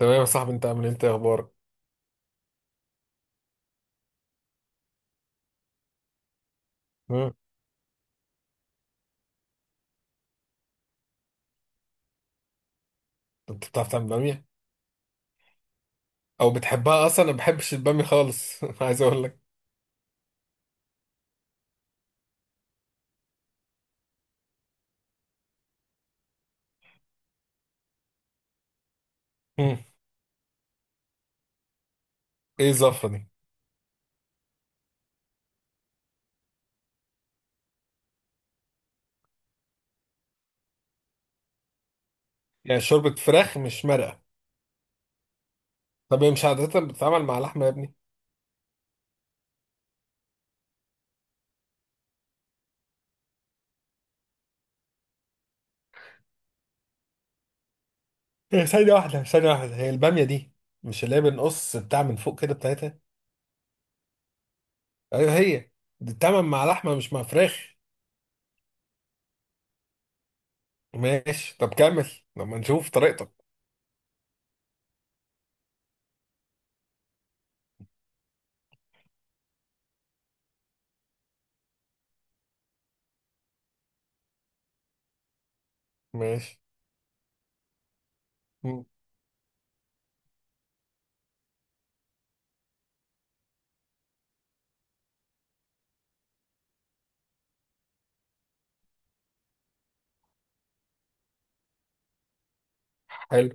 تمام يا صاحبي، انت عامل ايه؟ انت ايه اخبارك؟ مم. انت بتعرف تعمل باميه او بتحبها اصلا؟ انا ما بحبش الباميه خالص. عايز اقول لك. مم. ايه الزفره دي؟ يعني شوربه فراخ مش مرقه؟ طب هي مش عاده بتتعمل مع لحمه يا ابني؟ هي ثانيه واحده، هي الباميه دي مش اللي هي بنقص بتاع من فوق كده بتاعتها؟ ايوه هي. دي بتتعمل مع لحمه مش مع فراخ. ماشي، طب كمل لما نشوف طريقتك. ماشي. مم. حلو.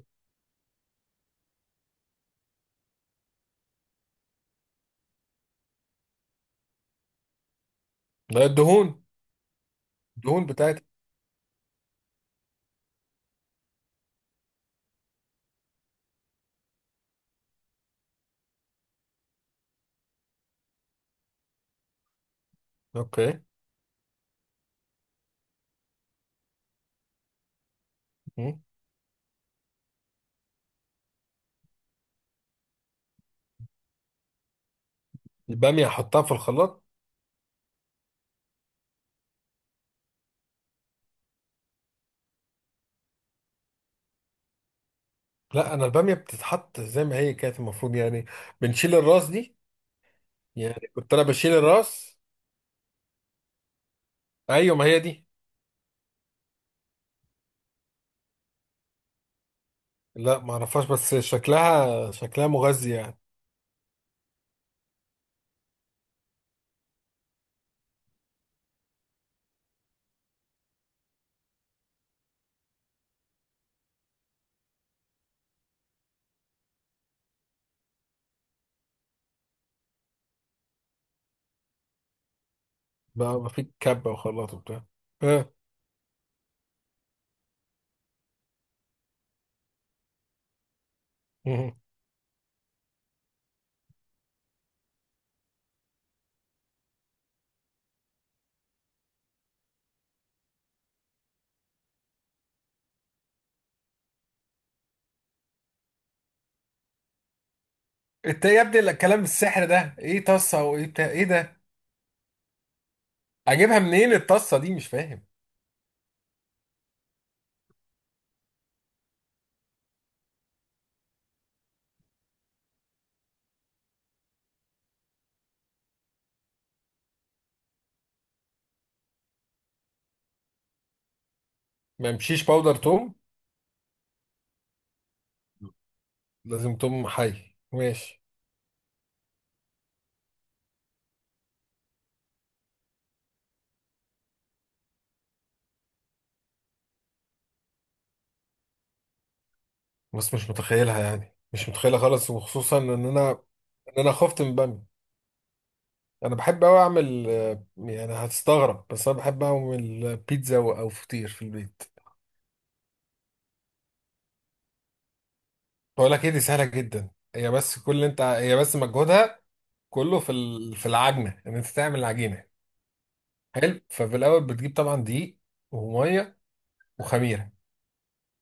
لا، الدهون، الدهون بتاعتها. اوكي. مم. الباميه هحطها في الخلاط؟ لا، انا الباميه بتتحط زي ما هي كانت المفروض يعني، بنشيل الراس دي. يعني كنت انا بشيل الراس. ايوه، ما هي دي. لا ما اعرفهاش، بس شكلها، شكلها مغذي يعني. بقى ما في كبه وخلاط وبتاع. اه. مهم. انت إيه يا ابني الكلام السحر ده؟ ايه طاسه وايه بتاع ايه ده؟ اجيبها منين الطاسه دي؟ مش فاهم. ما يمشيش باودر توم؟ لازم توم حي؟ ماشي. بس مش متخيلها يعني، مش متخيلها خالص، وخصوصا ان انا خفت من الباميه. انا بحب اوي اعمل، يعني هتستغرب، بس انا بحب اعمل بيتزا او فطير في البيت. بقول لك ايه، دي سهله جدا هي، بس كل اللي انت، هي بس مجهودها كله في في العجنه، ان انت تعمل العجينه. حلو. ففي الاول بتجيب طبعا دقيق وميه وخميره.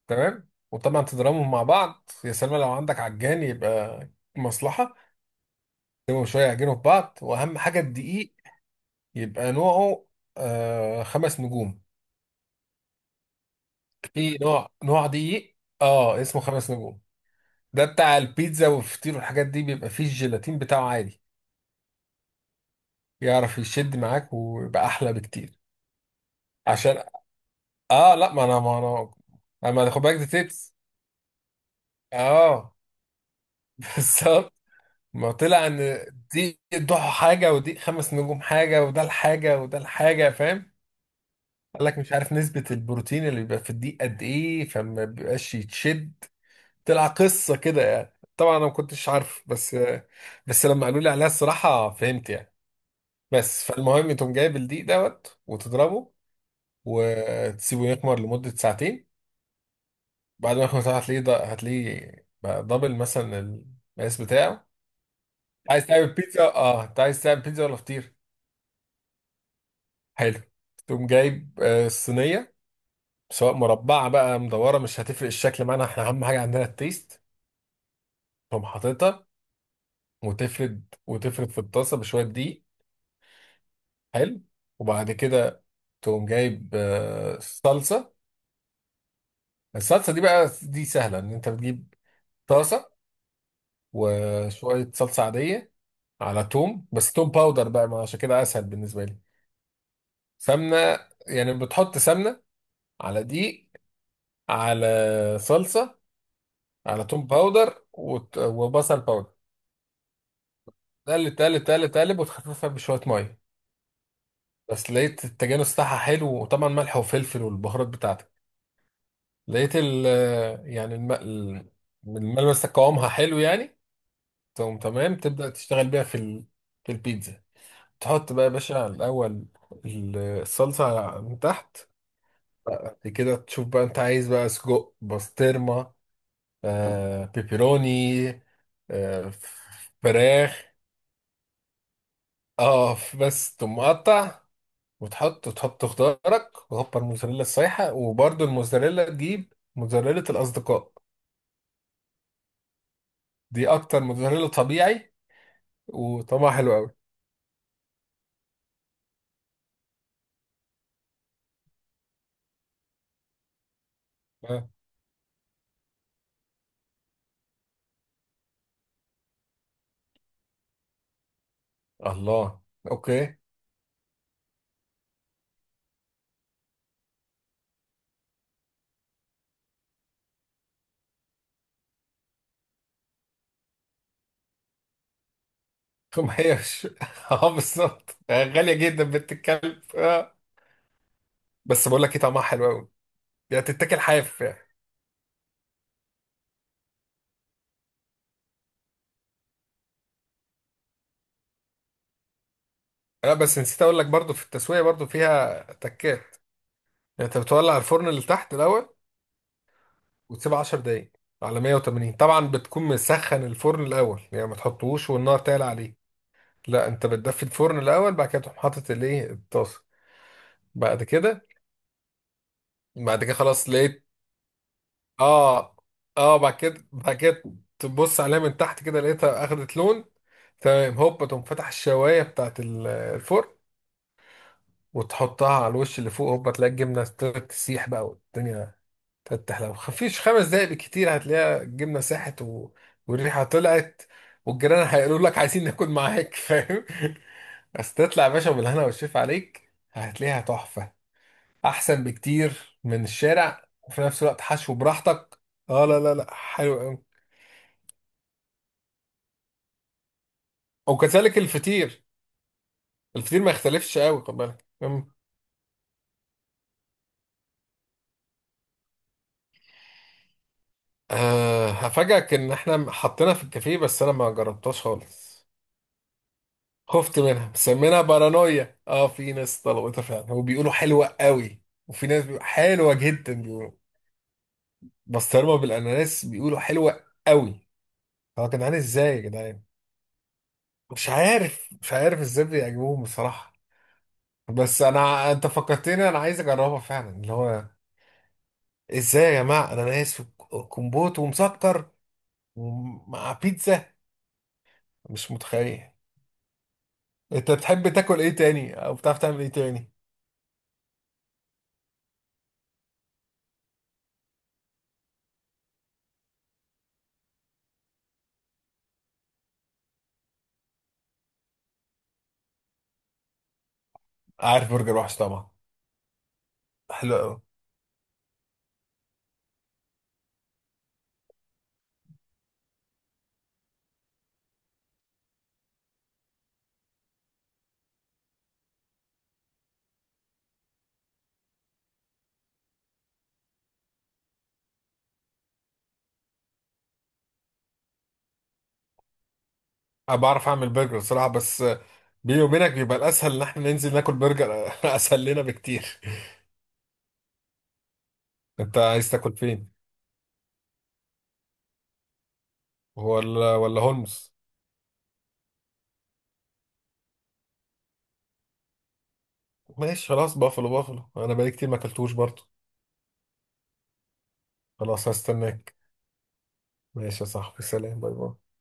تمام. وطبعا تضربهم مع بعض يا سلمى، لو عندك عجان يبقى مصلحه. تسيبهم شويه يعجنوا في بعض، واهم حاجه الدقيق يبقى نوعه خمس نجوم. في نوع، نوع دقيق اه اسمه خمس نجوم. ده بتاع البيتزا والفطير والحاجات دي، بيبقى فيه الجيلاتين بتاعه عادي، يعرف يشد معاك ويبقى احلى بكتير. عشان اه، لا، ما انا. اما خد بالك دي تيبس. اه. بالظبط. ما طلع ان دي ضحى حاجه، ودي خمس نجوم حاجه، وده الحاجه، وده الحاجه، فاهم؟ قال لك مش عارف نسبه البروتين اللي بيبقى في الدقيق قد ايه، فما بيبقاش يتشد. طلع قصه كده يعني. طبعا انا ما كنتش عارف، بس بس لما قالوا لي عليها الصراحه فهمت يعني. بس فالمهم تقوم جايب الدقيق دوت وتضربه، وتسيبه يخمر لمدة ساعتين. بعد ما يخمر ساعة هتلاقيه هتلاقيه بقى دبل مثلا، المقاس بتاعه. عايز تعمل بيتزا؟ اه انت عايز تعمل بيتزا ولا فطير؟ حلو. تقوم جايب الصينية، سواء مربعة بقى مدورة مش هتفرق، الشكل معانا احنا أهم حاجة عندنا التيست. تقوم حاططها وتفرد، وتفرد في الطاسة بشوية دقيق. حلو. وبعد كده تقوم جايب صلصة. الصلصة دي بقى دي سهلة، إن أنت بتجيب طاسة وشوية صلصة عادية، على توم، بس توم باودر بقى، ما عشان كده أسهل بالنسبة لي. سمنة، يعني بتحط سمنة على دقيق، على صلصة، على توم باودر، وبصل باودر. تقلب تقلب تقلب تقلب، وتخففها بشوية مية، بس لقيت التجانس بتاعها حلو. وطبعا ملح وفلفل والبهارات بتاعتك. لقيت ال، يعني الملمس، قوامها حلو يعني. تقوم تمام تبدأ تشتغل بيها في البيتزا. تحط بقى يا باشا الأول الصلصة من تحت. بعد كده تشوف بقى أنت عايز، بقى سجق، بسطرمة، آه بيبروني، آه ف- فراخ، اه، بس تقوم مقطع. وتحط، وتحط خضارك، وهوبا الموزاريلا السايحة. وبرده الموزاريلا تجيب موزاريلا الأصدقاء، دي أكتر موزاريلا طبيعي وطعمها حلو أوي. آه. الله. أوكي. ثم هي مش اه بالظبط، غالية جدا بنت الكلب. بس بقول لك ايه، طعمها حلو قوي، يعني تتاكل حاف يعني. لا بس نسيت اقول لك برضو في التسويه برضو فيها تكات. يعني انت بتولع الفرن اللي تحت الاول، وتسيبه 10 دقايق على 180، طبعا بتكون مسخن الفرن الاول يعني، ما تحطوش والنار تعلى عليه. لا، انت بتدفي الفرن الاول، بعد كده تقوم حاطط الايه الطاسه. بعد كده، بعد كده خلاص لقيت. اه اه. بعد كده تبص عليها من تحت كده، لقيتها اخدت لون. تمام، هوبا تقوم فتح الشوايه بتاعت الفرن، وتحطها على الوش اللي فوق. هوبا تلاقي الجبنة ابتدت تسيح بقى، والدنيا تفتح، لو مفيش 5 دقايق بالكتير هتلاقيها الجبنة ساحت والريحة طلعت، والجيران هيقولوا لك عايزين ناكل معاك، فاهم؟ بس تطلع يا باشا بالهنا والشيف عليك، هتلاقيها تحفة، أحسن بكتير من الشارع، وفي نفس الوقت حشو براحتك. اه. لا لا لا، حلو أوي. وكذلك الفطير، الفطير ما يختلفش قوي، خد بالك. أه هفاجئك إن إحنا حطينا في الكافيه، بس أنا ما جربتهاش خالص. خفت منها، مسمينها بارانويا. اه في ناس طلبتها فعلا وبيقولوا حلوة قوي. وفي ناس بيقولوا حلوة جدا، بيقولوا بسطرمة بالاناناس بيقولوا حلوة قوي. هو يا جدعان ازاي يا جدعان، مش عارف، مش عارف ازاي بيعجبوهم بصراحة. بس انا، انت فكرتني انا عايز اجربها فعلا، اللي هو ازاي يا جماعة اناناس وكمبوت ومسكر ومع بيتزا؟ مش متخيل. انت بتحب تاكل ايه تاني او بتعرف تعمل ايه تاني؟ عارف برجر وحش طبعا. حلو. أنا بعرف أعمل برجر صراحة، بس بيني وبينك بيبقى الأسهل إن إحنا ننزل ناكل برجر. أسهل لنا بكتير. أنت عايز تاكل فين؟ ولا، ولا هولمز؟ ماشي خلاص، بافلو، بافلو أنا بقالي كتير ما أكلتوش برضه. خلاص، هستناك. ماشي يا صاحبي، سلام، باي باي.